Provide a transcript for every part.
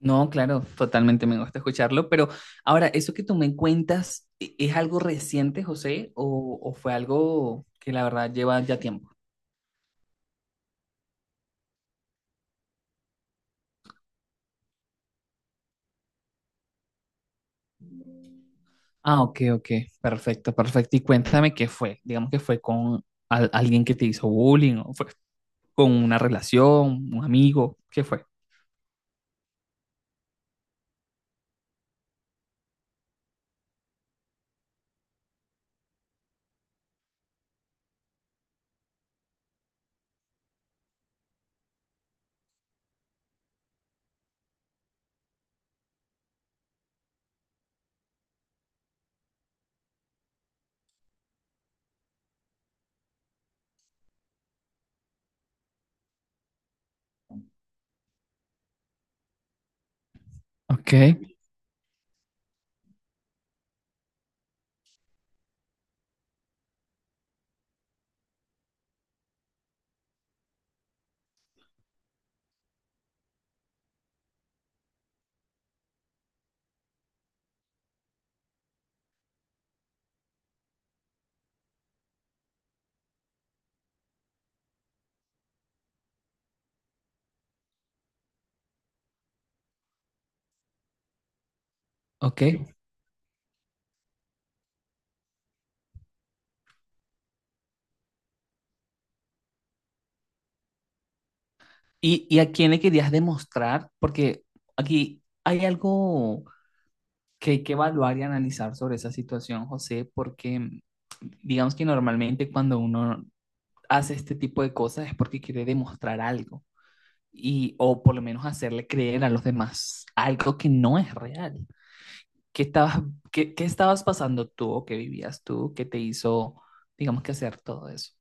No, claro, totalmente me gusta escucharlo, pero ahora, ¿eso que tú me cuentas es algo reciente, José, o, fue algo que la verdad lleva ya tiempo? Ah, ok, ok, perfecto, perfecto. Y cuéntame qué fue, digamos que fue con alguien que te hizo bullying, o fue con una relación, un amigo, ¿qué fue? Ok, ok. ¿Y, a quién le querías demostrar? Porque aquí hay algo que hay que evaluar y analizar sobre esa situación, José, porque digamos que normalmente cuando uno hace este tipo de cosas es porque quiere demostrar algo y o por lo menos hacerle creer a los demás algo que no es real. ¿Qué estabas, qué estabas pasando tú o qué vivías tú que te hizo, digamos que hacer todo eso?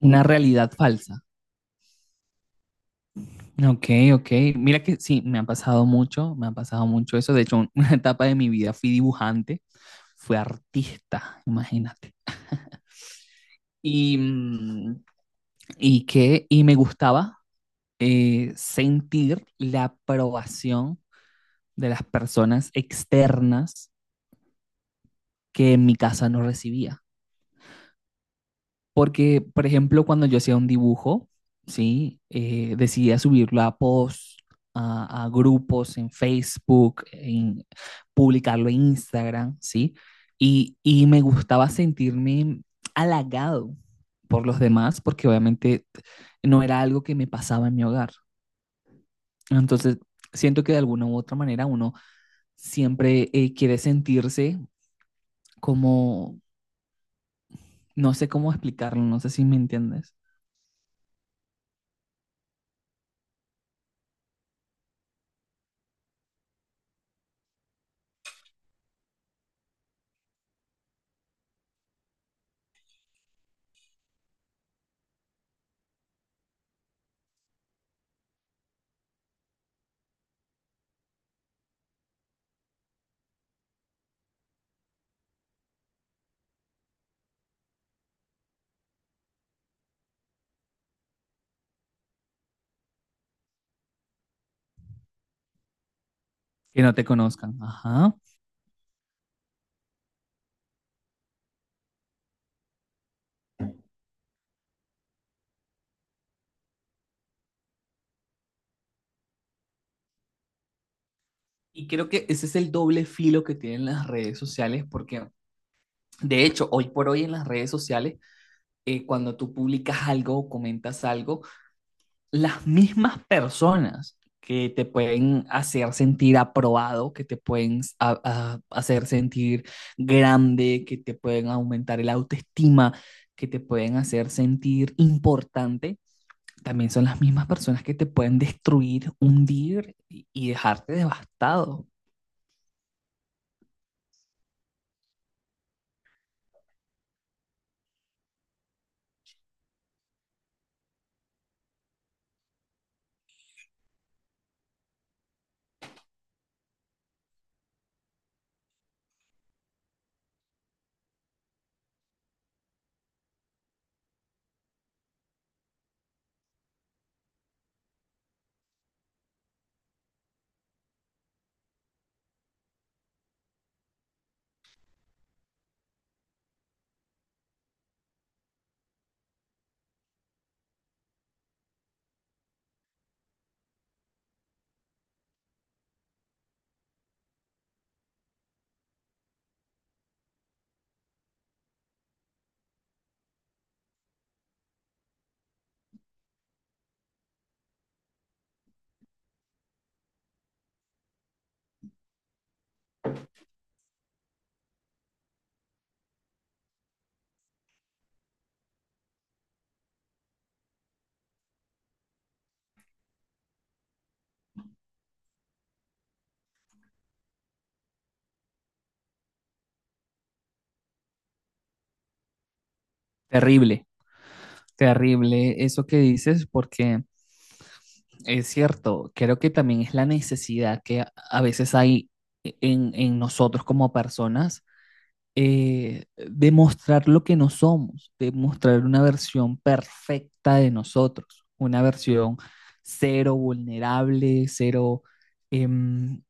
Una realidad falsa. Ok, ok. Mira que sí, me ha pasado mucho, me ha pasado mucho eso. De hecho, una etapa de mi vida fui dibujante, fui artista, imagínate. Y, y que, y me gustaba sentir la aprobación de las personas externas que en mi casa no recibía. Porque, por ejemplo, cuando yo hacía un dibujo, ¿sí? Decidía subirlo a posts, a grupos en Facebook, en, publicarlo en Instagram, ¿sí? Y me gustaba sentirme halagado por los demás, porque obviamente no era algo que me pasaba en mi hogar. Entonces, siento que de alguna u otra manera uno siempre quiere sentirse como, no sé cómo explicarlo, no sé si me entiendes, que no te conozcan. Ajá. Y creo que ese es el doble filo que tienen las redes sociales, porque de hecho, hoy por hoy en las redes sociales, cuando tú publicas algo o comentas algo, las mismas personas que te pueden hacer sentir aprobado, que te pueden hacer sentir grande, que te pueden aumentar el autoestima, que te pueden hacer sentir importante, también son las mismas personas que te pueden destruir, hundir y dejarte devastado. Terrible. Terrible eso que dices, porque es cierto, creo que también es la necesidad que a veces hay en nosotros como personas de mostrar lo que no somos, de mostrar una versión perfecta de nosotros, una versión cero vulnerable, cero em,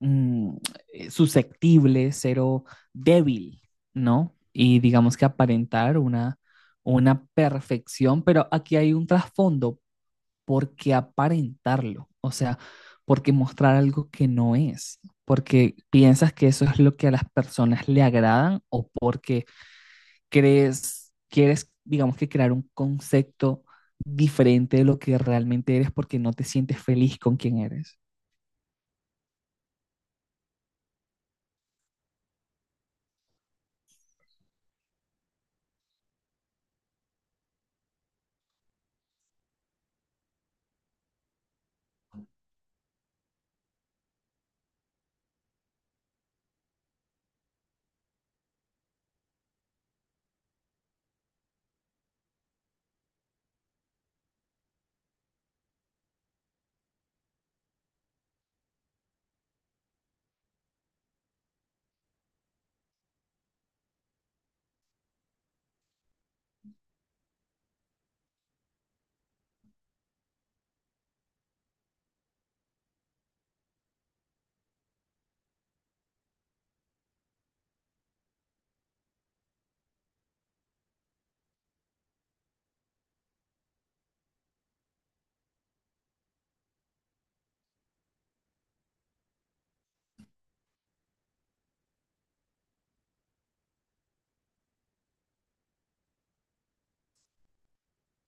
mm, susceptible, cero débil, ¿no? Y digamos que aparentar una perfección, pero aquí hay un trasfondo, ¿por qué aparentarlo? O sea, ¿por qué mostrar algo que no es? ¿Porque piensas que eso es lo que a las personas le agradan o porque crees, quieres, digamos que crear un concepto diferente de lo que realmente eres porque no te sientes feliz con quien eres?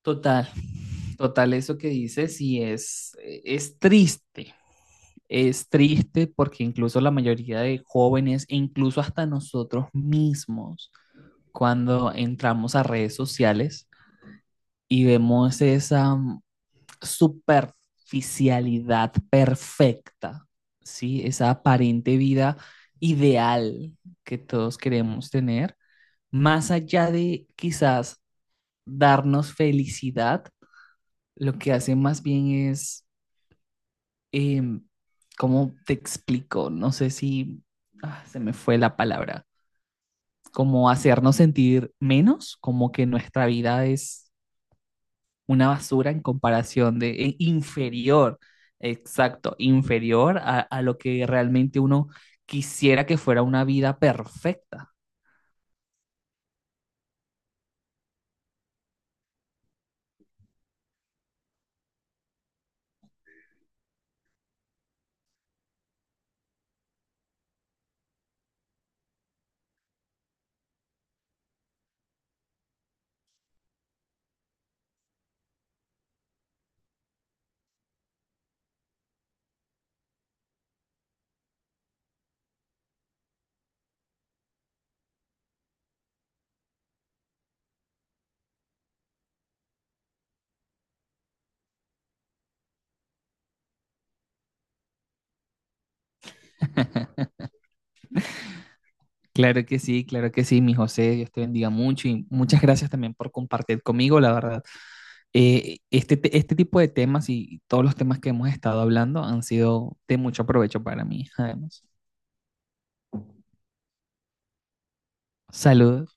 Total, total, eso que dices y es triste porque incluso la mayoría de jóvenes, e incluso hasta nosotros mismos, cuando entramos a redes sociales y vemos esa superficialidad perfecta, ¿sí? Esa aparente vida ideal que todos queremos tener, más allá de quizás darnos felicidad. Lo que hace más bien es, em, ¿cómo te explico? No sé si se me fue la palabra. Como hacernos sentir menos, como que nuestra vida es una basura en comparación de inferior, exacto, inferior a lo que realmente uno quisiera que fuera una vida perfecta. Claro que sí, mi José, Dios te bendiga mucho y muchas gracias también por compartir conmigo, la verdad. Este, este tipo de temas y todos los temas que hemos estado hablando han sido de mucho provecho para mí, además. Saludos.